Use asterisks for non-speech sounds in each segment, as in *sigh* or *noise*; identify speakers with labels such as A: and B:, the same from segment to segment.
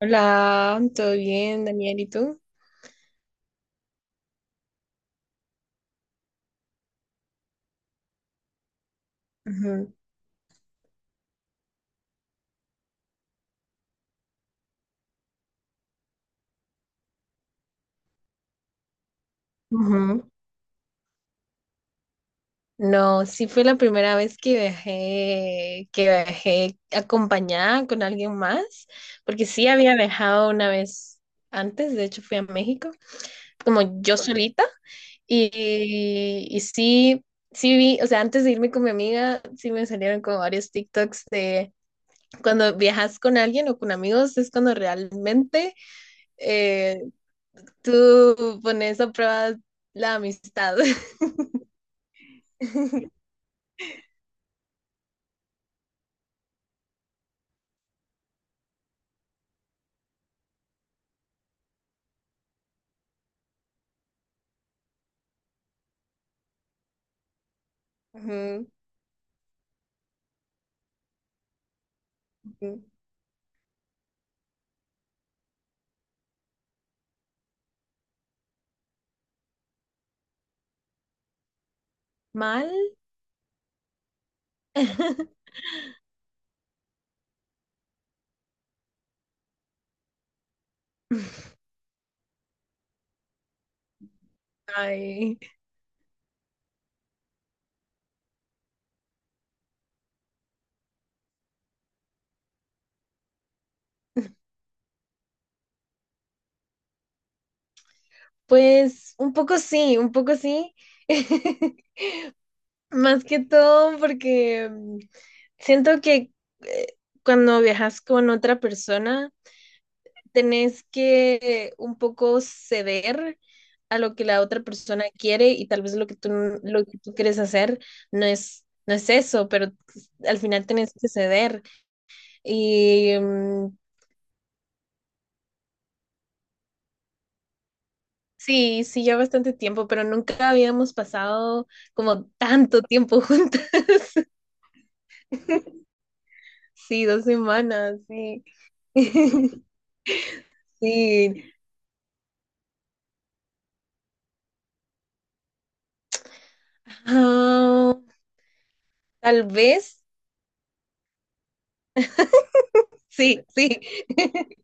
A: Hola, ¿todo bien, Daniel? ¿Y tú? Ujú. Ujú. No, sí fue la primera vez que viajé, acompañada con alguien más, porque sí había viajado una vez antes, de hecho fui a México, como yo solita, y sí, sí vi, o sea, antes de irme con mi amiga, sí me salieron como varios TikToks de cuando viajas con alguien o con amigos, es cuando realmente eh, tú pones a prueba la amistad. *laughs* Ujú, ujú. ¿Mal? *laughs* Ay, pues un poco sí, un poco sí. *laughs* Más que todo porque siento que eh, cuando viajas con otra persona, tenés que un poco ceder a lo que la otra persona quiere y tal vez lo que tú quieres hacer no es, no es eso, pero al final tenés que ceder. Y sí, sí, ya bastante tiempo, pero nunca habíamos pasado como tanto tiempo juntas. *laughs* Sí, dos semanas, sí. *laughs* Sí. Ah, tal vez. Sí, sí. *laughs*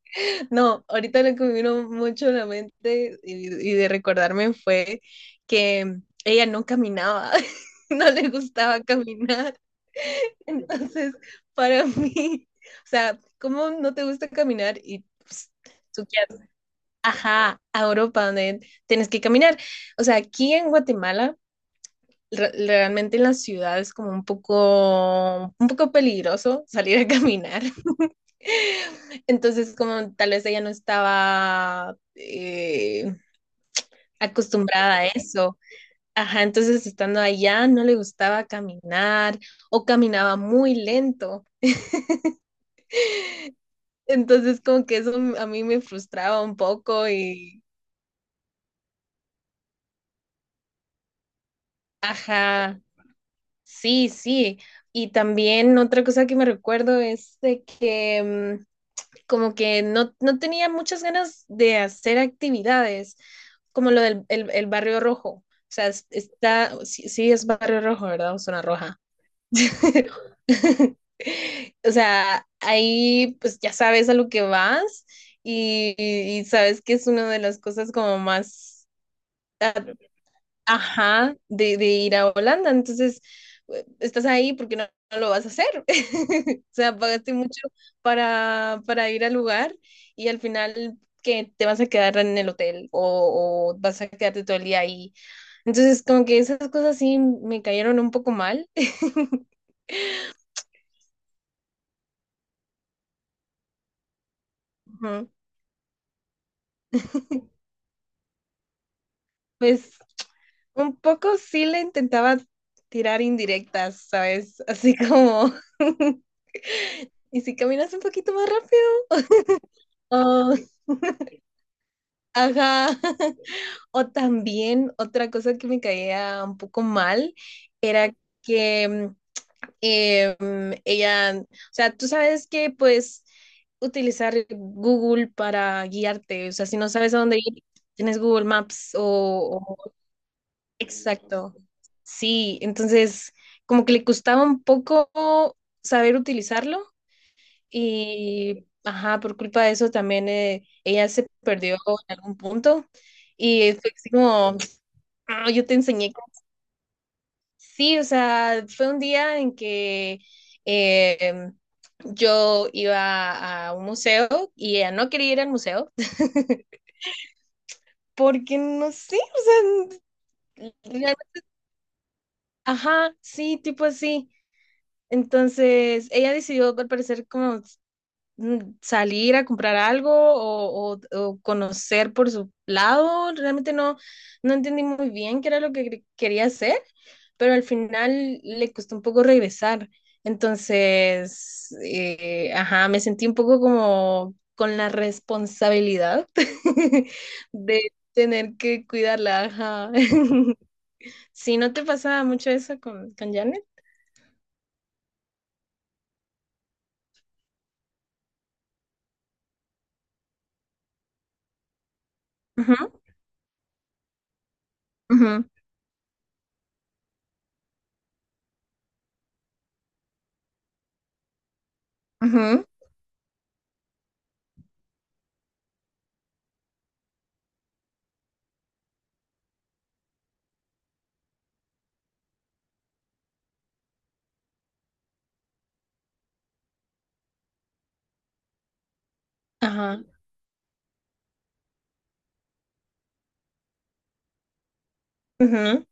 A: No, ahorita lo que me vino mucho a la mente y de recordarme fue que ella no caminaba, *laughs* no le gustaba caminar. *laughs* Entonces, para mí, o sea, ¿cómo no te gusta caminar y pues, tú quieres, ajá, a Europa donde tienes que caminar? O sea, aquí en Guatemala, realmente en la ciudad es como un poco peligroso salir a caminar. *laughs* Entonces, como tal vez ella no estaba acostumbrada a eso. Ajá, entonces estando allá no le gustaba caminar o caminaba muy lento. Entonces, como que eso a mí me frustraba un poco y, ajá, sí, sí. Y también otra cosa que me recuerdo es de que como que no, no tenía muchas ganas de hacer actividades, como lo del el Barrio Rojo. O sea, está, sí, sí es Barrio Rojo, ¿verdad? O Zona Roja. *laughs* O sea, ahí pues ya sabes a lo que vas y sabes que es una de las cosas como más ah, ajá, de ir a Holanda. Entonces, estás ahí porque no, no lo vas a hacer. *laughs* O sea, pagaste mucho para ir al lugar y al final que te vas a quedar en el hotel o vas a quedarte todo el día ahí. Entonces, como que esas cosas sí me cayeron un poco mal. *laughs* Ujú. Pues un poco sí le intentaba tirar indirectas, ¿sabes? Así como, *laughs* ¿y si caminas un poquito más rápido? Oh, ajá. *laughs* O también otra cosa que me caía un poco mal era que ella, o sea, tú sabes que pues utilizar Google para guiarte, o sea, si no sabes a dónde ir, tienes Google Maps exacto. Sí, entonces como que le costaba un poco saber utilizarlo y, ajá, por culpa de eso también ella se perdió en algún punto. Y fue así como, ah, yo te enseñé. Que sí, o sea, fue un día en que eh, yo iba a un museo y ella no quería ir al museo *laughs* porque no sé, o sea, ajá, sí, tipo así. Entonces, ella decidió, al parecer, como salir a comprar algo o conocer por su lado. Realmente no, no entendí muy bien qué era lo que quería hacer. Pero al final le costó un poco regresar. Entonces, ajá, me sentí un poco como con la responsabilidad *laughs* de tener que cuidarla, ajá. *laughs* Sí, ¿no te pasaba mucho eso con Janet? Ajá, ajá, ajá, ajá, ajá.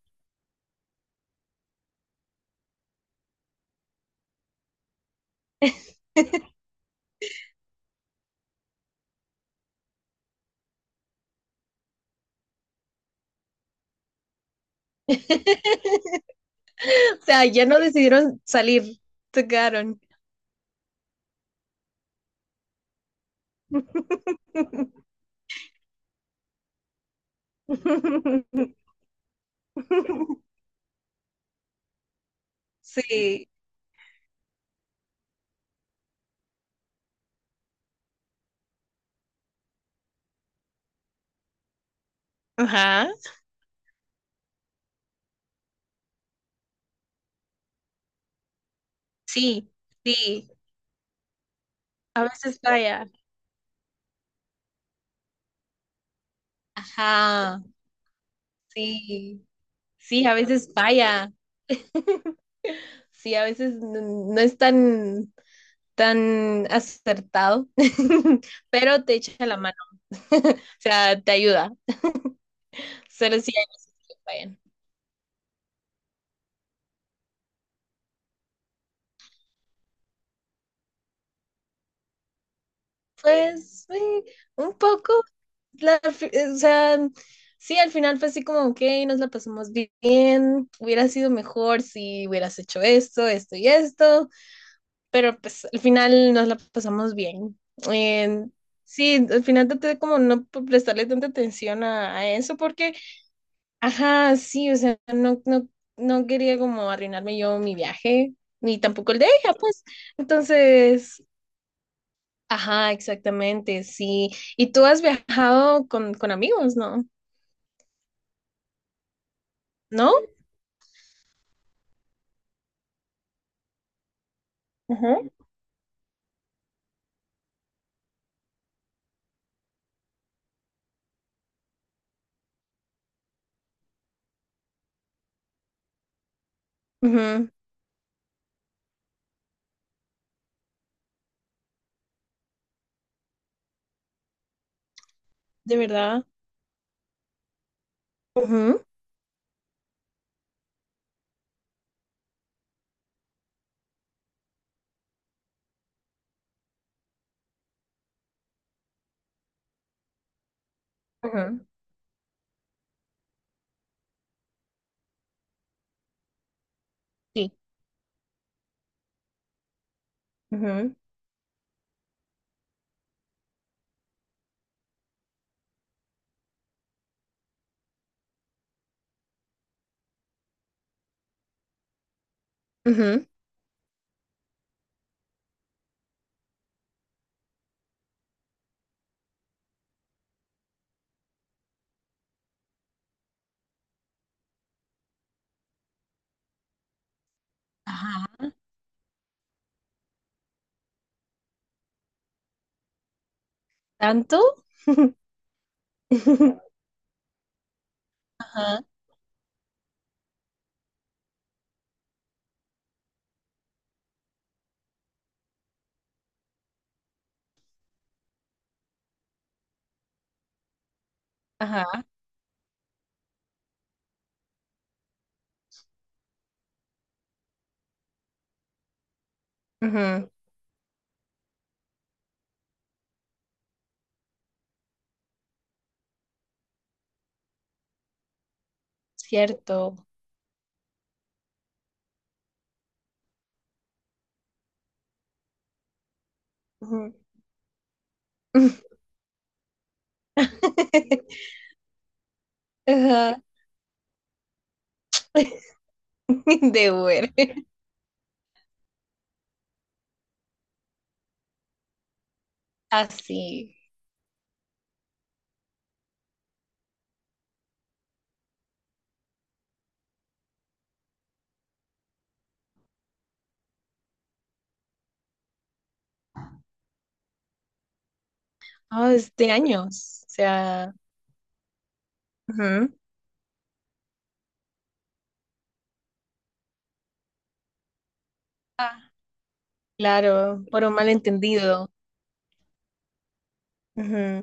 A: *laughs* O sea, ya no decidieron salir, se quedaron. *laughs* Sí, ajá. Sí, sí, a veces falla. Ajá, sí, sí, a veces falla. *laughs* Sí, a veces no, no es tan, tan acertado, *laughs* pero te echa la mano. *laughs* O sea, te ayuda. Solo si hay que fallan. Pues, sí, un poco. O sea, sí, al final fue así como, ok, nos la pasamos bien. Hubiera sido mejor si hubieras hecho esto, esto y esto. Pero pues al final nos la pasamos bien. Eh, sí, al final traté de como no prestarle tanta atención a eso porque, ajá, sí, o sea, no, no, no quería como arruinarme yo mi viaje, ni tampoco el de ella, pues. Entonces, ajá, exactamente, sí. ¿Y tú has viajado con amigos, no? ¿No? Ajá. Ujú, ¿de verdad? Ujú, ujú, sí. Ujú, ujú. Ajá. ¿Tanto? *laughs* Ajá, ajá. Ujú, cierto. Ujú. *laughs* Ajá. *laughs* De Uber. Así. Oh, es de años. O sea, ujú, ah, claro, por un malentendido. Ujú.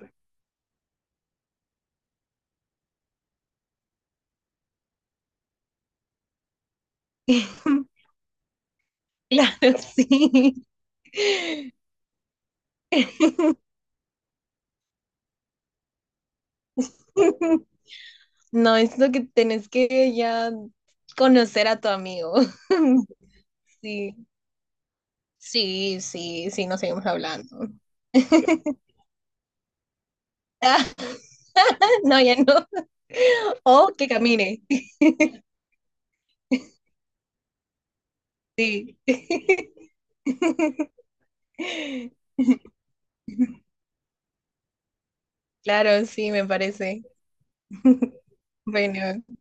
A: *laughs* Claro, sí. *laughs* No, es lo que tenés que ya conocer a tu amigo. *laughs* Sí, sí, sí, sí, nos seguimos hablando. *laughs* Ah, no, ya no. *laughs* O que camine. *laughs* *laughs* Claro, sí, me parece. Bueno,